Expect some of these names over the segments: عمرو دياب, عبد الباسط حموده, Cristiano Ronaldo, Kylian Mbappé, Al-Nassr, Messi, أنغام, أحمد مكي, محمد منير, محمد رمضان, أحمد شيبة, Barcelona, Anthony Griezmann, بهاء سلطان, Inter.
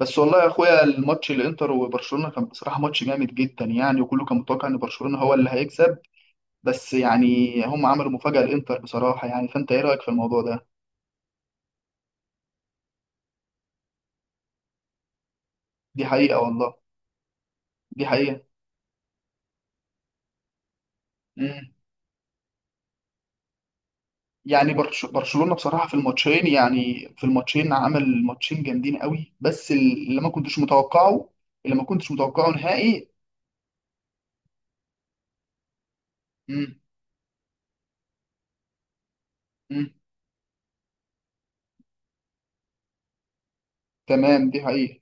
بس والله يا اخويا، الماتش الانتر وبرشلونه كان بصراحه ماتش جامد جدا يعني، وكله كان متوقع ان برشلونه هو اللي هيكسب. بس يعني هم عملوا مفاجاه الانتر بصراحه يعني. فانت ايه رايك في الموضوع ده؟ دي حقيقه والله. دي حقيقه. امم. يعني برشلونه بصراحه في الماتشين يعني في الماتشين عمل ماتشين جامدين قوي، بس اللي ما كنتش متوقعه. اللي ما كنتش متوقعه نهائي. امم امم. تمام دي حقيقه.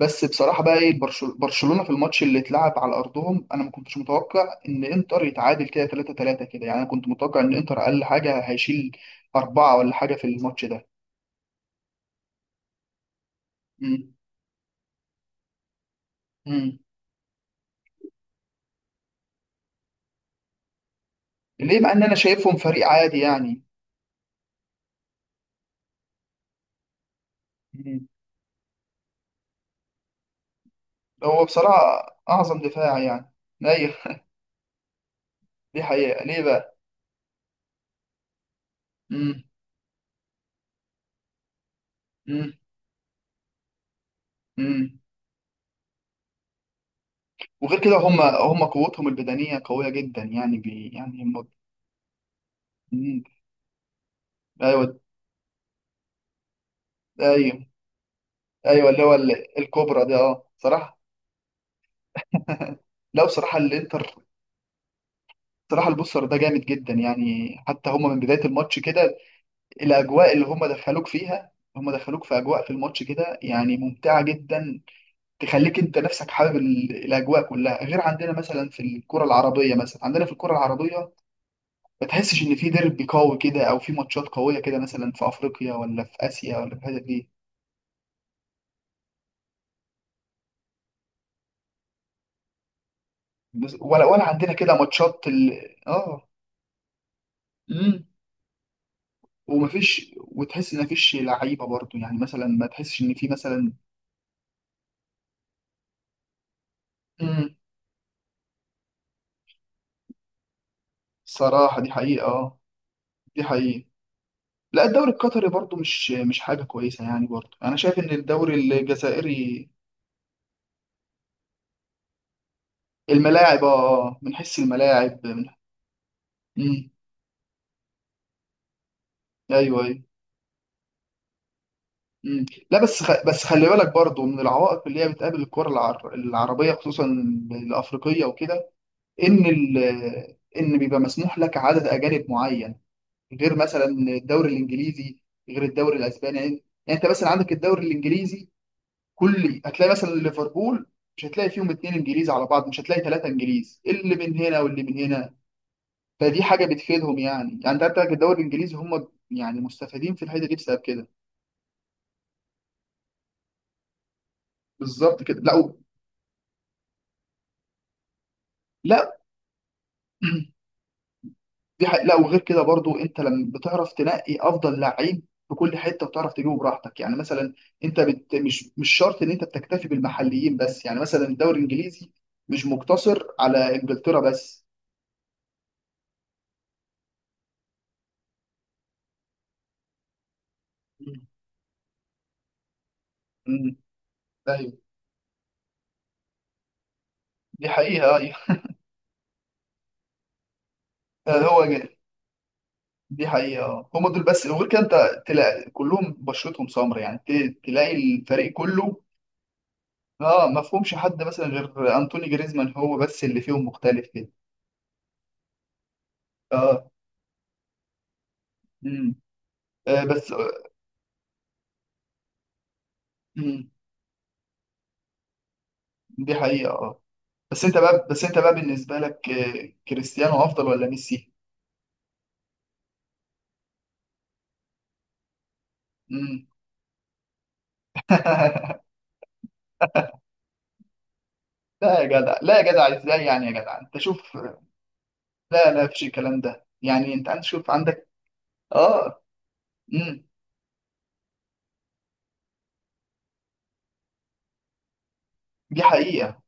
بس بصراحه بقى ايه، برشلونه في الماتش اللي اتلعب على ارضهم، انا ما كنتش متوقع ان انتر يتعادل كده 3-3 كده يعني. انا كنت متوقع ان انتر اقل حاجه هيشيل اربعه ولا حاجه في الماتش ده. امم امم. ليه مع ان انا شايفهم فريق عادي يعني؟ مم. هو بصراحه اعظم دفاع يعني. ايوه دي حقيقه، ليه بقى؟ امم امم امم. وغير كده هم قوتهم البدنيه قويه جدا يعني، يعني هم. مم. ايوه ايوه ايوه اللي هو الكوبرا دي اه صراحه. لا بصراحة الانتر. بصراحة البوستر ده جامد جدا يعني، حتى هما من بداية الماتش كده، الأجواء اللي هما دخلوك فيها. هما دخلوك في أجواء في الماتش كده يعني ممتعة جدا. تخليك أنت نفسك حابب الأجواء كلها. غير عندنا مثلا في الكرة العربية، مثلا عندنا في الكرة العربية ما تحسش إن في ديربي قوي كده أو في ماتشات قوية كده، مثلا في أفريقيا ولا في آسيا ولا في الحتت دي. ولا عندنا كده ماتشات آه. امم. ومفيش وتحس ان مفيش لعيبه برضو يعني، مثلا ما تحسش ان في مثلا. امم. صراحة دي حقيقة اه. دي حقيقة. لا، الدوري القطري برضو مش حاجة كويسة يعني، برضو أنا شايف إن الدوري الجزائري الملاعب من حيث الملاعب من. امم. أيوه أيوه. امم. لا بس بس خلي بالك برضو من العوائق اللي هي بتقابل الكرة العربية، خصوصا الأفريقية وكده، إن ال... إن بيبقى مسموح لك عدد أجانب معين، غير مثلا الدوري الإنجليزي، غير الدوري الأسباني يعني أنت مثلا عندك الدوري الإنجليزي، كل هتلاقي مثلا ليفربول مش هتلاقي فيهم اتنين انجليز على بعض، مش هتلاقي ثلاثه انجليز اللي من هنا واللي من هنا. فدي حاجه بتفيدهم يعني انت عندك الدوري الانجليزي، هم يعني مستفيدين في الحته دي بسبب كده. بالظبط كده. لا لا، وغير كده برضو، انت لما بتعرف تنقي افضل لعيب في كل حته وتعرف تجيبه براحتك يعني. مثلا انت مش شرط ان انت بتكتفي بالمحليين بس، يعني مثلا الدوري الانجليزي مش مقتصر على انجلترا بس. مم. مم. ايوه. دي حقيقه آه،. هو جاي. دي حقيقة هما دول بس، وغير كده انت تلاقي كلهم بشرتهم سمر يعني، تلاقي الفريق كله. اه ما فيهمش حد مثلا غير انطوني جريزمان، هو بس اللي فيهم مختلف كده. اه. امم. آه بس. امم. دي حقيقة اه. بس انت بقى بالنسبة لك كريستيانو افضل ولا ميسي؟ امم. لا يا جدع، لا يا جدع، ازاي يعني، يا جدع انت شوف. لا لا مفيش الكلام ده يعني، انت عندك شوف عندك. اه. امم. دي حقيقة.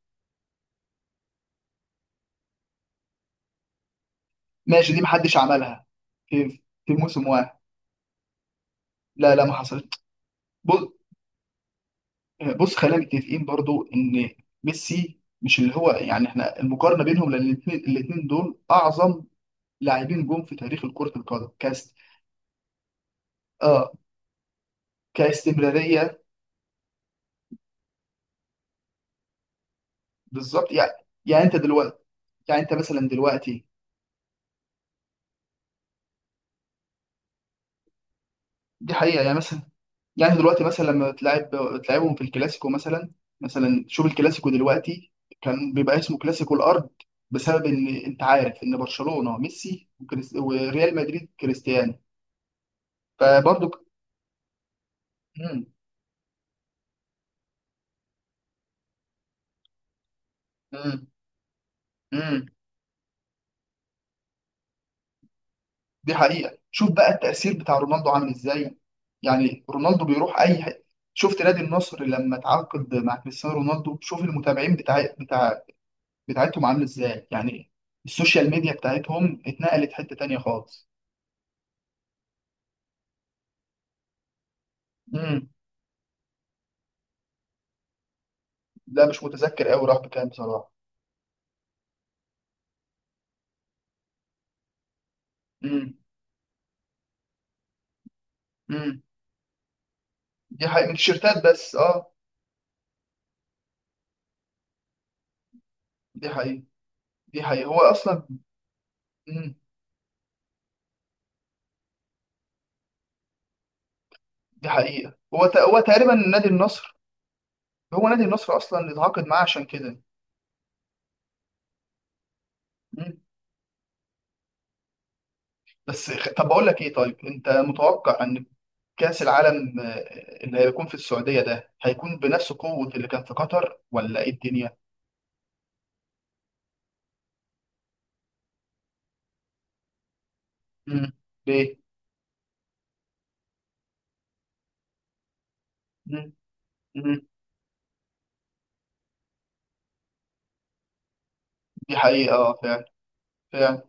ماشي دي محدش عملها. في في موسم واحد. لا لا ما حصلت. بص بص، خلينا متفقين برضو ان ميسي مش اللي هو يعني، احنا المقارنه بينهم لان الاثنين دول اعظم لاعبين جم في تاريخ كره القدم اه كاستمراريه. بالظبط يعني. يعني انت دلوقتي يعني انت مثلا دلوقتي، دي حقيقه يعني مثلا. يعني دلوقتي مثلا لما بتلعبهم في الكلاسيكو مثلا. مثلا شوف الكلاسيكو دلوقتي كان بيبقى اسمه كلاسيكو الارض، بسبب ان انت عارف ان برشلونة ميسي، وريال مدريد كريستيانو. فبرضه مم. مم. مم. دي حقيقة، شوف بقى التأثير بتاع رونالدو عامل ازاي. يعني رونالدو بيروح اي حتة، شفت نادي النصر لما تعاقد مع كريستيانو رونالدو، شوف المتابعين بتاع بتاعتهم عامل ازاي يعني، السوشيال ميديا بتاعتهم اتنقلت حتة تانية خالص. لا مش متذكر قوي راح بكام بصراحه. امم امم. دي حقيقة من التيشيرتات بس اه. دي حقيقة دي حقيقة هو اصلا. امم. دي حقيقة هو هو تقريبا نادي النصر، هو نادي النصر اصلا اللي اتعاقد معاه عشان كده. امم. طب بقول لك ايه، طيب انت متوقع ان كأس العالم اللي هيكون في السعودية ده هيكون بنفس قوة اللي كان في قطر، ولا ايه الدنيا؟ امم. ليه. امم امم. دي حقيقة اه فعلا. فعلا.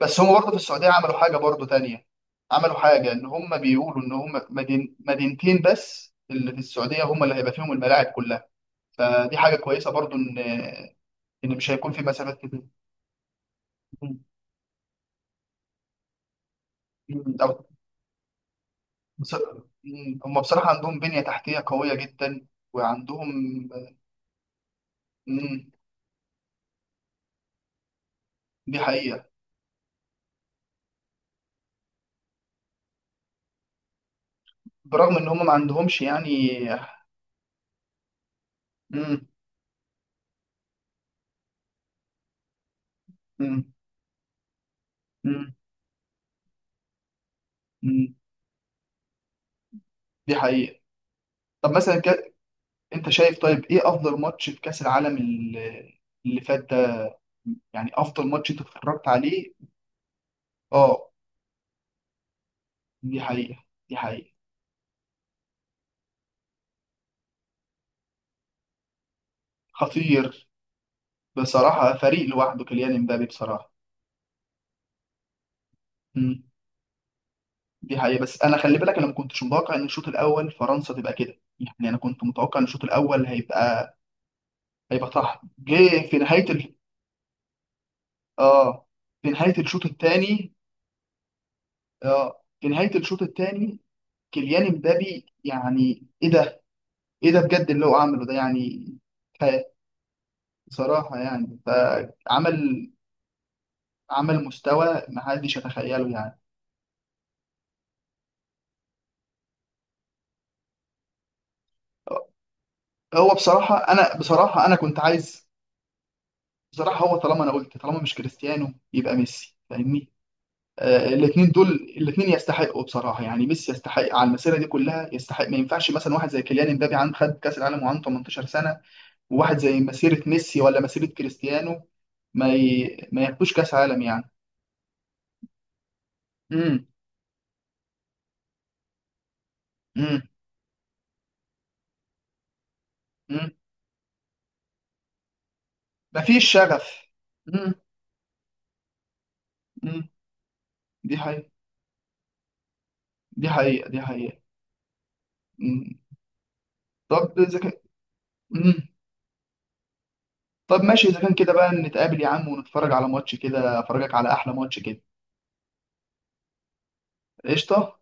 بس هم برضه في السعودية عملوا حاجة برضه تانية، عملوا حاجة إن هم بيقولوا إن هم مدينتين بس اللي في السعودية هم اللي هيبقى فيهم الملاعب كلها. فدي حاجة كويسة برضه، إن مش هيكون في مسافات كتير. مم. مم. أو بص- مم. هم بصراحة عندهم بنية تحتية قوية جدا، وعندهم. مم. دي حقيقة. برغم إن هم ما عندهمش يعني. مم. مم. مم. مم. دي حقيقة. طب مثلا، انت شايف طيب ايه افضل ماتش في كاس العالم اللي فات ده، يعني افضل ماتش انت اتفرجت عليه؟ اه. دي حقيقة دي حقيقة. خطير، بصراحة فريق لوحده كيليان امبابي بصراحة. مم. دي حقيقة، بس انا خلي بالك، انا ما كنتش متوقع ان الشوط الاول فرنسا تبقى كده يعني، انا كنت متوقع ان الشوط الاول هيبقى طحن. جه في نهاية اه في نهاية الشوط الثاني اه في نهاية الشوط الثاني كيليان امبابي يعني ايه ده، ايه ده بجد اللي هو عمله ده يعني، كفاية بصراحة يعني. عمل مستوى محدش يتخيله يعني. هو بصراحة أنا كنت عايز بصراحة. هو طالما أنا قلت، طالما مش كريستيانو يبقى ميسي، فاهمني؟ آه الاتنين دول، الاتنين يستحقوا بصراحة يعني. ميسي يستحق على المسيرة دي كلها يستحق، ما ينفعش مثلا واحد زي كيليان امبابي عن خد كأس العالم وعنده 18 سنة، وواحد زي مسيرة ميسي ولا مسيرة كريستيانو ما ياخدوش كأس عالم يعني. امم امم. مفيش شغف. مم. مم. دي حقيقة دي حقيقة دي حقيقة. مم. طب إذا كان. مم. طب ماشي، إذا كان كده بقى نتقابل يا عم ونتفرج على ماتش كده، أفرجك على أحلى ماتش كده. قشطة.